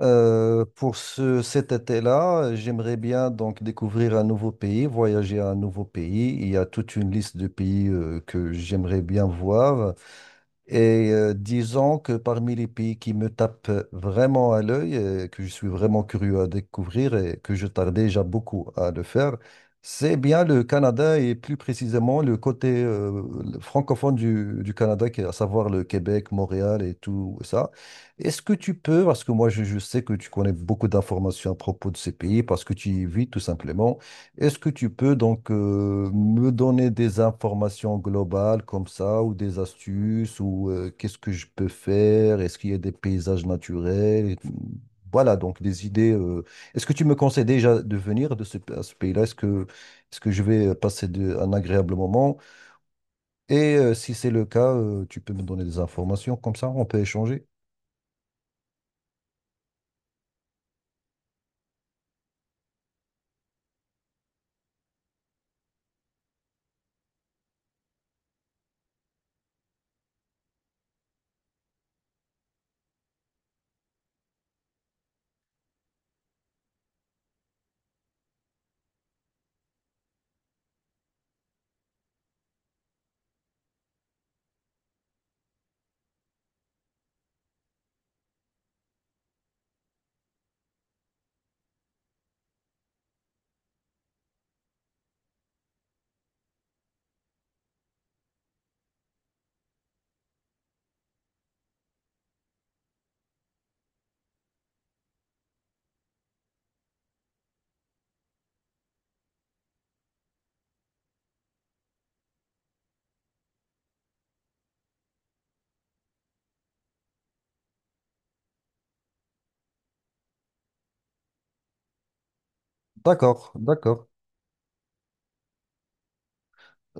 Pour cet été-là, j'aimerais bien donc découvrir un nouveau pays, voyager à un nouveau pays. Il y a toute une liste de pays que j'aimerais bien voir. Et disons que parmi les pays qui me tapent vraiment à l'œil, que je suis vraiment curieux à découvrir et que je tarde déjà beaucoup à le faire, c'est bien le Canada et plus précisément le côté le francophone du Canada, qui est à savoir le Québec, Montréal et tout ça. Est-ce que tu peux, parce que moi je sais que tu connais beaucoup d'informations à propos de ces pays, parce que tu y vis tout simplement, est-ce que tu peux donc me donner des informations globales comme ça, ou des astuces, ou qu'est-ce que je peux faire? Est-ce qu'il y a des paysages naturels? Et voilà, donc des idées. Est-ce que tu me conseilles déjà de venir à ce pays-là? Est-ce que je vais passer un agréable moment? Et si c'est le cas, tu peux me donner des informations comme ça, on peut échanger. D'accord, d'accord.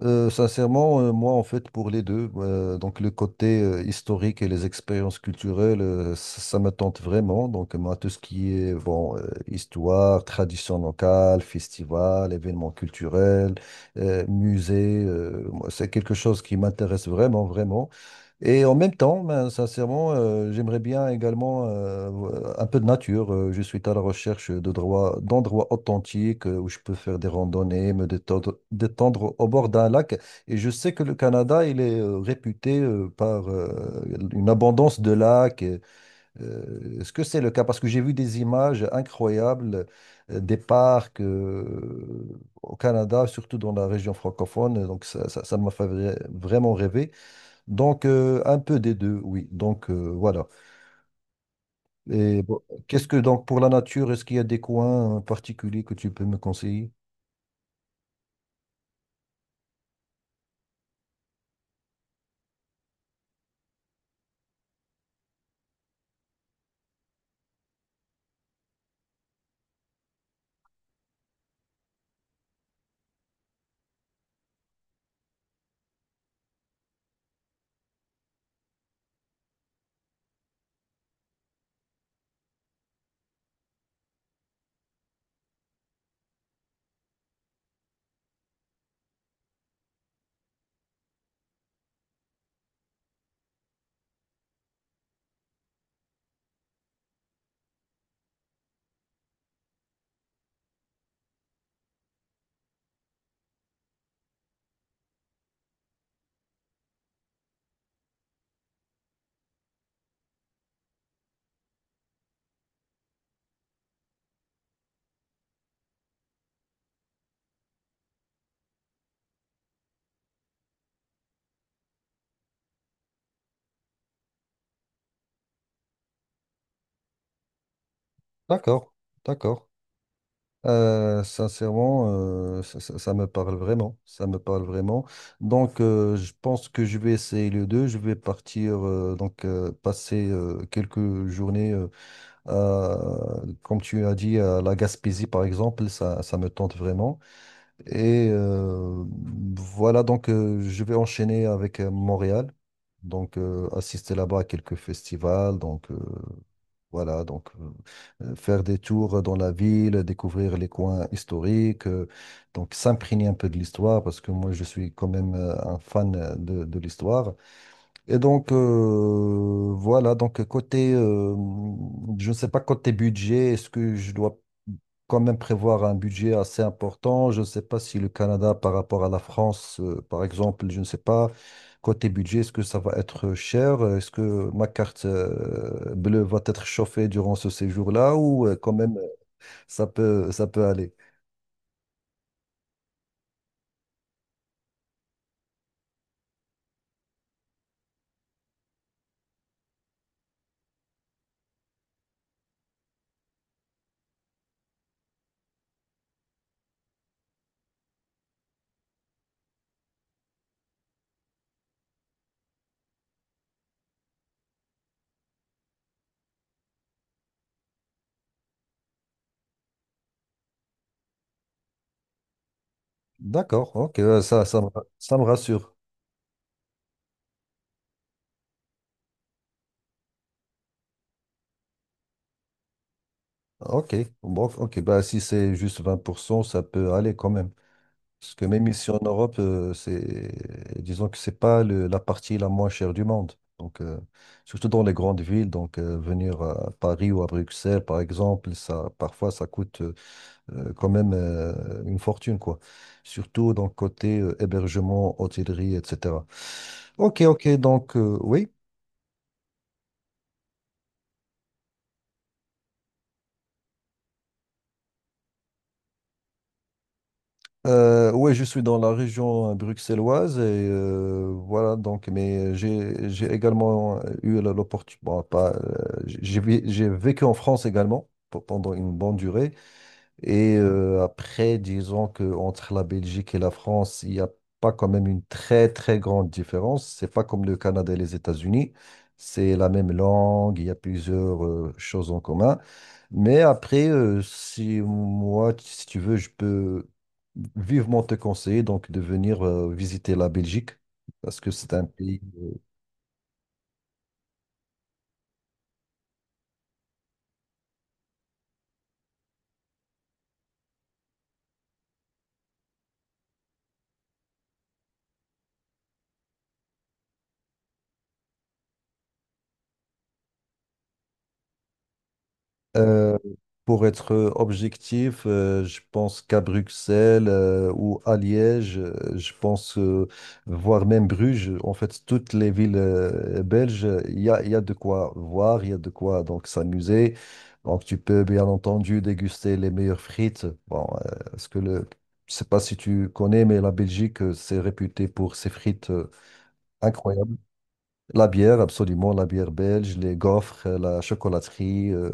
Sincèrement, moi, en fait, pour les deux, donc le côté historique et les expériences culturelles, ça, ça me tente vraiment. Donc, moi, tout ce qui est bon, histoire, tradition locale, festival, événements culturels, musées, moi, c'est quelque chose qui m'intéresse vraiment, vraiment. Et en même temps, ben, sincèrement, j'aimerais bien également un peu de nature. Je suis à la recherche d'endroits authentiques où je peux faire des randonnées, me détendre, détendre au bord d'un lac. Et je sais que le Canada, il est réputé par une abondance de lacs. Et, est-ce que c'est le cas? Parce que j'ai vu des images incroyables des parcs au Canada, surtout dans la région francophone. Donc ça m'a fait vraiment rêver. Donc, un peu des deux, oui. Donc, voilà. Et bon, qu'est-ce que, donc, pour la nature, est-ce qu'il y a des coins particuliers que tu peux me conseiller? D'accord, d'accord. Sincèrement, ça me parle vraiment. Ça me parle vraiment. Donc, je pense que je vais essayer les deux. Je vais partir, donc, passer quelques journées, comme tu as dit, à la Gaspésie, par exemple. Ça me tente vraiment. Et voilà, donc je vais enchaîner avec Montréal. Donc assister là-bas à quelques festivals. Donc voilà, donc faire des tours dans la ville, découvrir les coins historiques, donc s'imprégner un peu de l'histoire parce que moi je suis quand même un fan de l'histoire. Et donc voilà, donc je ne sais pas côté budget, est-ce que je dois quand même prévoir un budget assez important. Je ne sais pas si le Canada par rapport à la France, par exemple, je ne sais pas, côté budget, est-ce que ça va être cher? Est-ce que ma carte bleue va être chauffée durant ce séjour-là ou quand même ça peut aller? D'accord, ok, ça me rassure. Ok, bon, ok, bah, si c'est juste 20%, ça peut aller quand même. Parce que même ici en Europe, c'est, disons que c'est pas la partie la moins chère du monde. Donc, surtout dans les grandes villes, donc venir à Paris ou à Bruxelles, par exemple, ça, parfois ça coûte quand même une fortune, quoi. Surtout dans le côté hébergement, hôtellerie, etc. Ok, ok, donc oui. Ouais, je suis dans la région bruxelloise et voilà donc. Mais j'ai également eu l'opportunité. Bon, pas. J'ai j'ai vécu en France également pendant une bonne durée. Et après, disons que entre la Belgique et la France, il n'y a pas quand même une très très grande différence. C'est pas comme le Canada et les États-Unis. C'est la même langue, il y a plusieurs choses en commun. Mais après, si tu veux, je peux vivement te conseiller donc de venir visiter la Belgique parce que c'est un pays. Euh, pour être objectif, je pense qu'à Bruxelles ou à Liège, je pense, voire même Bruges, en fait, toutes les villes belges, il y a de quoi voir, il y a de quoi donc s'amuser. Donc, tu peux bien entendu déguster les meilleures frites. Bon, Je sais pas si tu connais, mais la Belgique, c'est réputé pour ses frites incroyables. La bière, absolument, la bière belge, les gaufres, la chocolaterie. euh,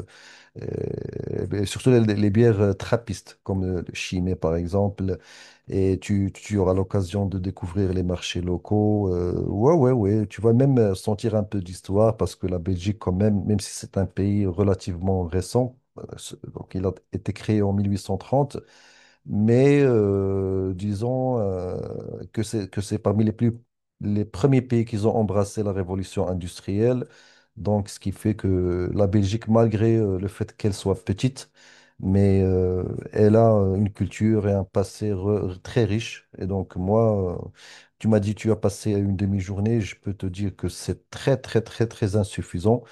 euh, Ben, surtout les bières trappistes, comme le Chimay par exemple. Et tu auras l'occasion de découvrir les marchés locaux. Ouais, ouais, ouais. Tu vas même sentir un peu d'histoire parce que la Belgique, quand même, même si c'est un pays relativement récent, donc il a été créé en 1830, mais disons que c'est parmi les premiers pays qui ont embrassé la révolution industrielle. Donc, ce qui fait que la Belgique, malgré le fait qu'elle soit petite, mais elle a une culture et un passé très riche. Et donc, moi, tu m'as dit tu as passé une demi-journée. Je peux te dire que c'est très, très, très, très insuffisant.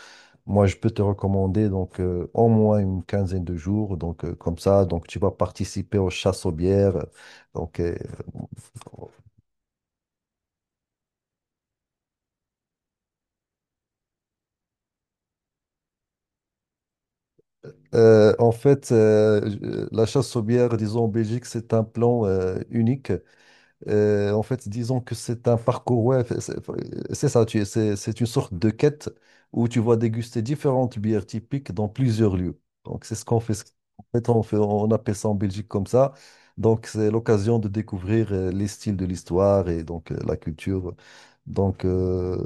Moi, je peux te recommander donc au moins une quinzaine de jours, donc comme ça, donc tu vas participer aux chasses aux bières. Donc, en fait, la chasse aux bières, disons en Belgique, c'est un plan unique. En fait, disons que c'est un parcours, ouais, c'est ça, c'est une sorte de quête où tu vas déguster différentes bières typiques dans plusieurs lieux. Donc, c'est ce qu'on fait. En fait, on appelle ça en Belgique comme ça. Donc, c'est l'occasion de découvrir les styles de l'histoire et donc la culture. Donc,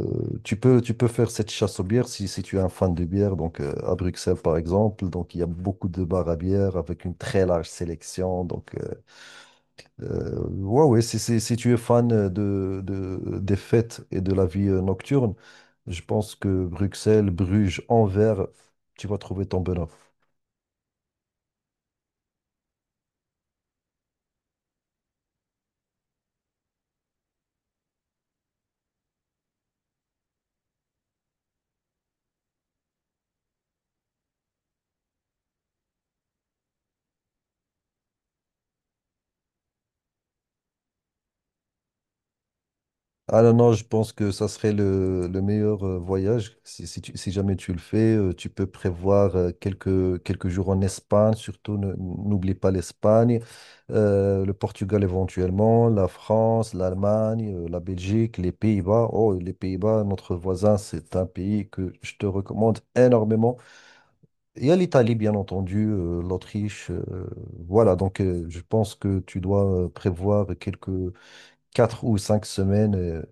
tu peux faire cette chasse aux bières si tu es un fan de bière. Donc, à Bruxelles, par exemple, donc il y a beaucoup de bars à bière avec une très large sélection. Donc, ouais, ouais, si tu es fan des fêtes et de la vie nocturne, je pense que Bruxelles, Bruges, Anvers, tu vas trouver ton bonheur. Ah non, non, je pense que ça serait le meilleur voyage. Si jamais tu le fais, tu peux prévoir quelques jours en Espagne, surtout n'oublie pas l'Espagne, le Portugal éventuellement, la France, l'Allemagne, la Belgique, les Pays-Bas. Oh, les Pays-Bas, notre voisin, c'est un pays que je te recommande énormément. Il y a l'Italie, bien entendu, l'Autriche. Voilà, donc je pense que tu dois prévoir quelques 4 ou 5 semaines.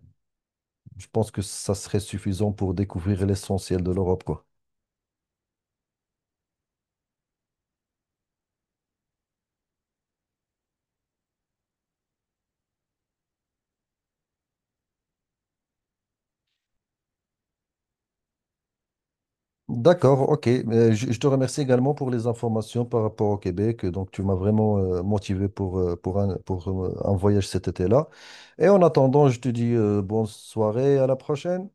Je pense que ça serait suffisant pour découvrir l'essentiel de l'Europe, quoi. D'accord, ok. Je te remercie également pour les informations par rapport au Québec. Donc, tu m'as vraiment motivé pour un voyage cet été-là. Et en attendant, je te dis bonne soirée, à la prochaine.